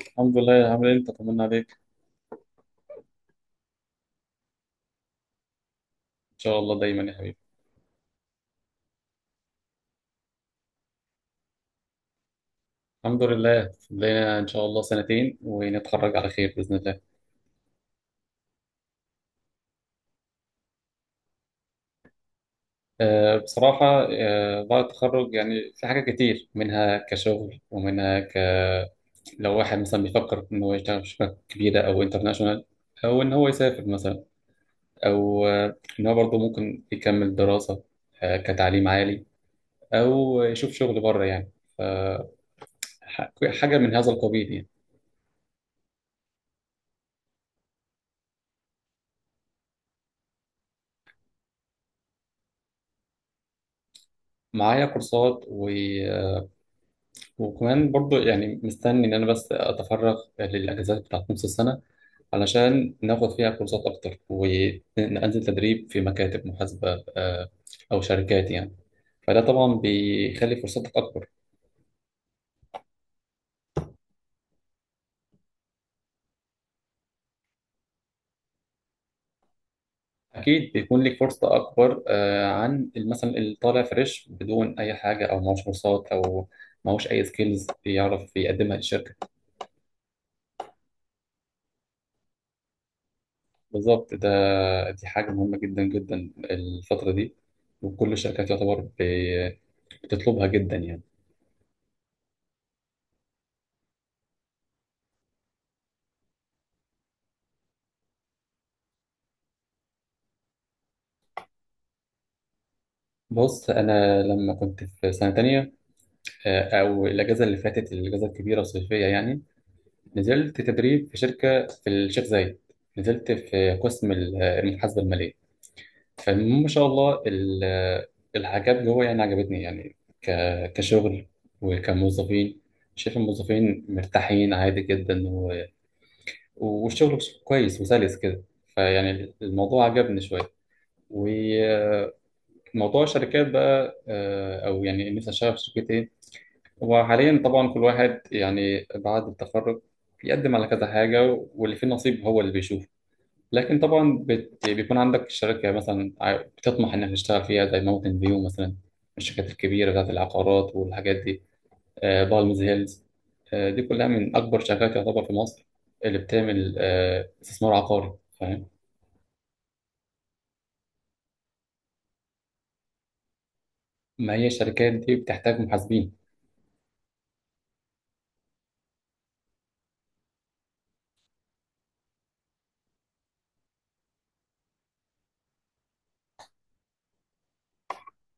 الحمد لله، عامل ايه؟ انت طمنا عليك. ان شاء الله دايما يا حبيبي. الحمد لله لنا ان شاء الله سنتين ونتخرج على خير باذن الله. بصراحه، بعد التخرج يعني في حاجات كتير، منها كشغل ومنها لو واحد مثلا بيفكر ان هو يشتغل في شركه كبيره او انترناشونال، او ان هو يسافر مثلا، او ان هو برضه ممكن يكمل دراسه، كتعليم عالي، او يشوف شغل بره يعني. ف- ح- حاجه من هذا القبيل يعني. معايا كورسات، وكمان برضو يعني مستني إن أنا بس أتفرغ للأجازات بتاعت نص السنة علشان ناخد فيها كورسات أكتر وننزل تدريب في مكاتب محاسبة، أو شركات يعني. فده طبعا بيخلي فرصتك أكبر. أكيد بيكون لك فرصة أكبر عن مثلا اللي طالع فريش بدون أي حاجة، أو معهوش كورسات أو معهوش أي سكيلز يعرف يقدمها للشركة. بالظبط ده، دي حاجة مهمة جدا جدا الفترة دي، وكل الشركات يعتبر بتطلبها جدا يعني. بص، انا لما كنت في سنه تانية، او الاجازه اللي فاتت، الاجازه الكبيره الصيفيه يعني، نزلت تدريب في شركه في الشيخ زايد، نزلت في قسم المحاسبه الماليه. فما شاء الله الحاجات جوه يعني عجبتني يعني، كشغل وكموظفين. شايف الموظفين مرتاحين عادي جدا، والشغل كويس وسلس كده. فيعني الموضوع عجبني شويه. وموضوع الشركات بقى، او يعني نفسي اشتغل في شركه ايه. وحاليا طبعا كل واحد يعني بعد التخرج بيقدم على كذا حاجة، واللي فيه نصيب هو اللي بيشوفه. لكن طبعا بيكون عندك شركة مثلا بتطمح إنك تشتغل فيها زي ماونتن فيو مثلا، الشركات الكبيرة بتاعت العقارات والحاجات دي. آه، بالمز هيلز. آه، دي كلها من أكبر شركات يعتبر في مصر، اللي بتعمل آه استثمار عقاري. فاهم. ما هي الشركات دي بتحتاج محاسبين.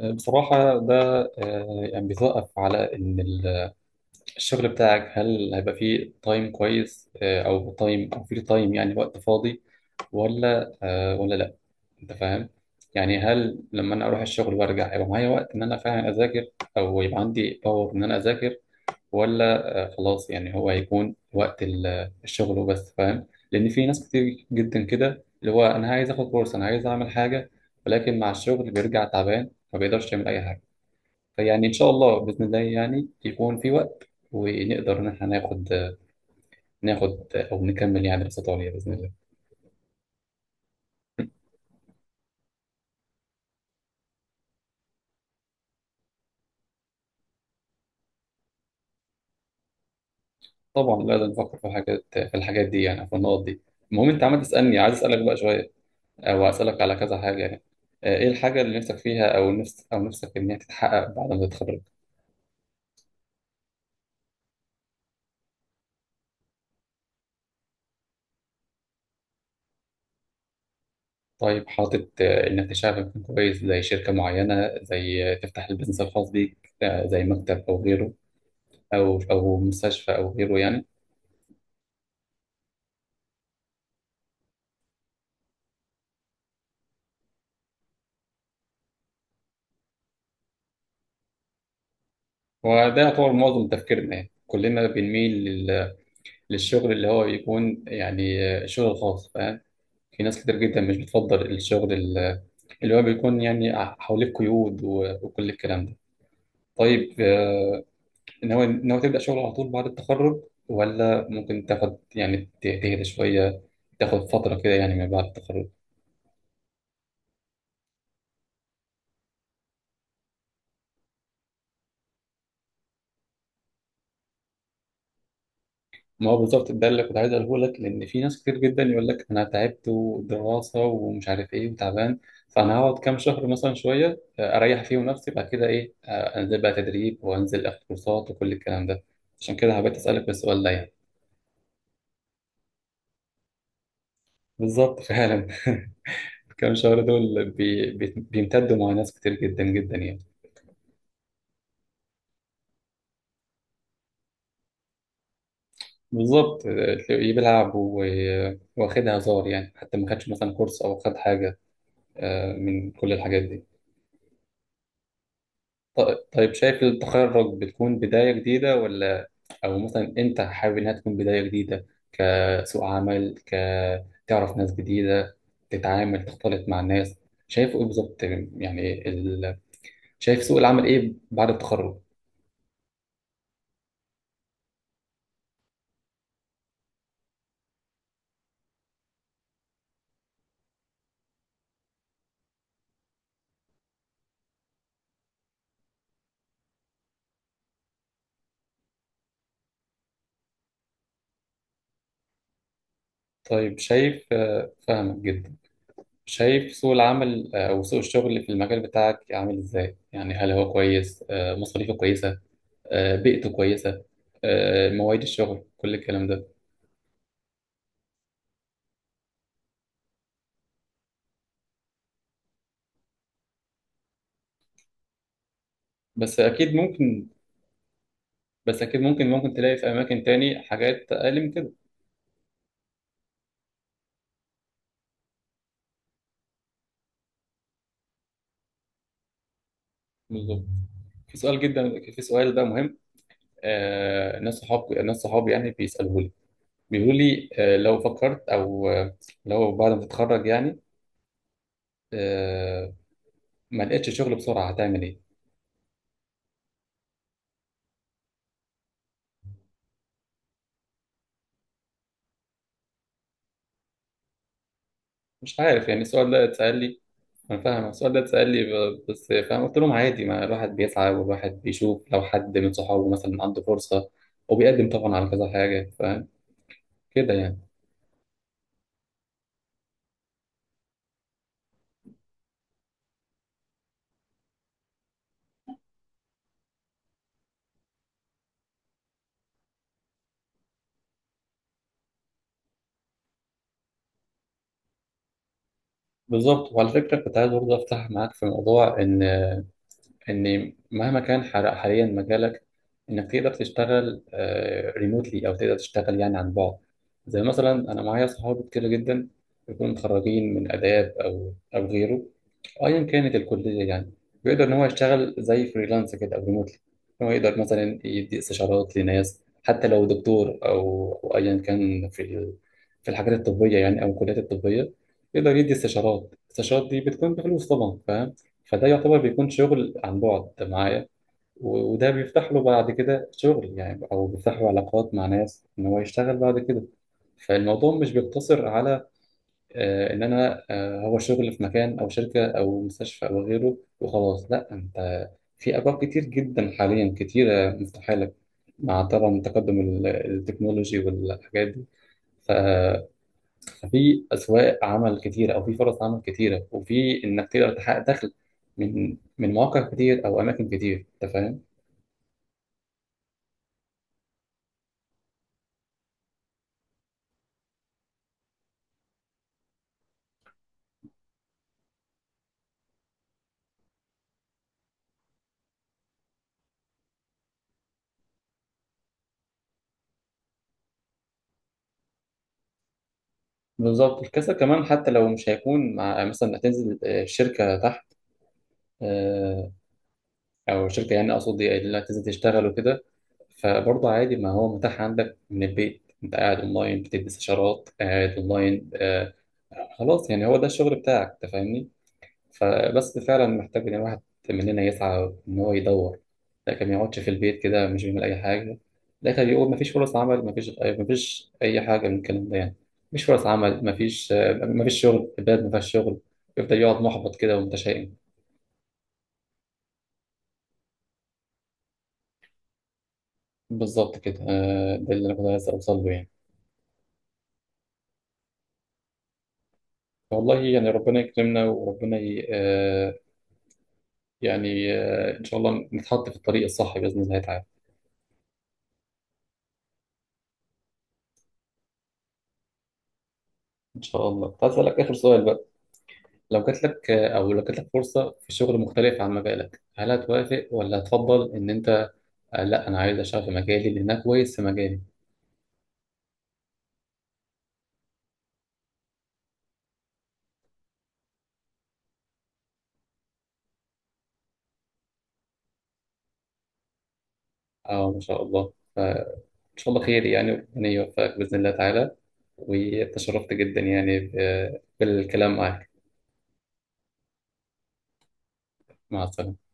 آه بصراحة ده، آه يعني بيتوقف على إن الشغل بتاعك هل هيبقى فيه تايم كويس، او فيه تايم يعني وقت فاضي، ولا ولا لا، انت فاهم. يعني هل لما انا اروح الشغل وارجع هيبقى معايا وقت ان انا فعلا اذاكر، او يبقى عندي باور ان انا اذاكر، ولا خلاص يعني هو هيكون وقت الشغل وبس، فاهم؟ لان في ناس كتير جدا كده، اللي هو انا عايز اخد كورس، انا عايز اعمل حاجة، ولكن مع الشغل بيرجع تعبان ما بيقدرش يعمل اي حاجة. فيعني إن شاء الله بإذن الله يعني يكون في وقت ونقدر إن إحنا ناخد أو نكمل يعني دراسات عليا بإذن الله. طبعا، لا ده نفكر في الحاجات دي يعني، في النقط دي. المهم أنت عمال تسألني، عايز أسألك بقى شوية، أو أسألك على كذا حاجة يعني. إيه الحاجة اللي نفسك فيها، أو نفس نفسك إن هي تتحقق بعد ما تتخرج؟ طيب، حاطط إنك تشتغل في مكان كويس زي شركة معينة، زي تفتح البيزنس الخاص بيك، زي مكتب أو غيره، أو مستشفى أو غيره يعني. وده يعتبر معظم تفكيرنا يعني، كلنا بنميل للشغل اللي هو يكون يعني شغل خاص، فاهم. في ناس كتير جدا مش بتفضل الشغل اللي هو بيكون يعني حواليه قيود وكل الكلام ده. طيب، ناوي تبدأ شغل على طول بعد التخرج، ولا ممكن تاخد يعني تهدى شوية، تاخد فترة كده يعني من بعد التخرج؟ ما هو بالظبط ده اللي كنت عايز اقوله لك، لان في ناس كتير جدا يقول لك انا تعبت، ودراسه ومش عارف ايه، وتعبان، فانا هقعد كام شهر مثلا شويه، اريح فيهم نفسي، بعد كده ايه؟ انزل بقى تدريب، وانزل اخد كورسات وكل الكلام ده. عشان كده حبيت اسالك السؤال ده يعني. بالظبط فعلا. كام شهر دول بي بي بيمتدوا مع ناس كتير جدا جدا يعني. بالظبط، تلاقيه بيلعب واخدها هزار يعني، حتى ما خدش مثلا كورس او خد حاجه، من كل الحاجات دي. طيب، شايف التخرج بتكون بداية جديدة ولا؟ أو مثلا أنت حابب إنها تكون بداية جديدة، كسوق عمل، كتعرف ناس جديدة، تتعامل تختلط مع الناس؟ شايف إيه بالظبط يعني شايف سوق العمل إيه بعد التخرج؟ طيب، شايف فاهمك جدا. شايف سوق العمل أو سوق الشغل في المجال بتاعك عامل إزاي؟ يعني هل هو كويس؟ مصاريفه كويسة، بيئته كويسة، مواعيد الشغل كل الكلام ده. بس اكيد ممكن، بس اكيد ممكن، ممكن تلاقي في اماكن تاني حاجات اقل من كده. بالظبط. في سؤال جدا، في سؤال بقى مهم، آه ناس صحاب، ناس صحابي يعني بيسألوه لي، بيقولوا لي آه لو فكرت، او آه لو بعد ما تتخرج يعني، آه ما لقيتش شغل بسرعة هتعمل ايه؟ مش عارف يعني السؤال ده اتسأل لي. انا فاهم السؤال ده اتسأل لي، بس فاهم، قلت لهم عادي، ما الواحد بيسعى والواحد بيشوف لو حد من صحابه مثلا عنده فرصة، وبيقدم طبعا على كذا حاجة، فاهم كده يعني. بالظبط. وعلى فكرة كنت عايز برضه أفتح معاك في موضوع إن ان مهما كان حاليا مجالك، انك تقدر تشتغل ريموتلي، او تقدر تشتغل يعني عن بعد. زي مثلا انا معايا صحابي كتير جدا بيكونوا متخرجين من اداب او غيره، ايا كانت الكليه يعني، بيقدر ان هو يشتغل زي فريلانس كده او ريموتلي. هو يقدر مثلا يدي استشارات لناس، حتى لو دكتور او ايا كان في في الحاجات الطبيه يعني، او الكليات الطبيه، يقدر يدي استشارات، الاستشارات دي بتكون بفلوس طبعا، فاهم. فده يعتبر بيكون شغل عن بعد معايا، وده بيفتح له بعد كده شغل يعني، أو بيفتح له علاقات مع ناس إن هو يشتغل بعد كده. فالموضوع مش بيقتصر على إن أنا هو شغل في مكان أو شركة أو مستشفى أو غيره وخلاص، لا، أنت في أبواب كتير جدا حاليا، كتيرة مفتوحة لك، مع طبعا تقدم التكنولوجي والحاجات دي. ففي اسواق عمل كتيره، او في فرص عمل كتيره، وفي انك تقدر تحقق دخل من مواقع كتير او اماكن كتير، انت فاهم. بالظبط. الكسل كمان، حتى لو مش هيكون مع مثلا هتنزل شركه تحت، آه، او شركه يعني اقصد إيه، اللي هتنزل تشتغل وكده، فبرضه عادي، ما هو متاح عندك من البيت، انت قاعد اونلاين بتدي استشارات، قاعد اونلاين خلاص يعني هو ده الشغل بتاعك، انت فاهمني. فبس فعلا محتاج ان الواحد مننا يسعى ان هو يدور، لكن ما يقعدش في البيت كده مش بيعمل اي حاجه، لكن بيقول مفيش فرص عمل، مفيش اي حاجه من الكلام ده يعني، مفيش فرص عمل، مفيش، مفيش شغل، البلد مفيهاش شغل، يفضل يقعد محبط كده ومتشائم. بالظبط كده، ده اللي انا كنت عايز اوصل له يعني. والله يعني ربنا يكرمنا، وربنا ي... آه، يعني ان شاء الله نتحط في الطريق الصح باذن الله تعالى. ان شاء الله هسألك اخر سؤال بقى. لو جات لك، او لو جات لك فرصه في شغل مختلف عن مجالك، هل هتوافق، ولا هتفضل ان انت لا انا عايز اشتغل في مجالي لان انا كويس في مجالي؟ اه ما شاء الله، فان شاء الله خير يعني، ربنا يوفقك باذن الله تعالى. وتشرفت جدا يعني بالكلام معك. مع السلامه.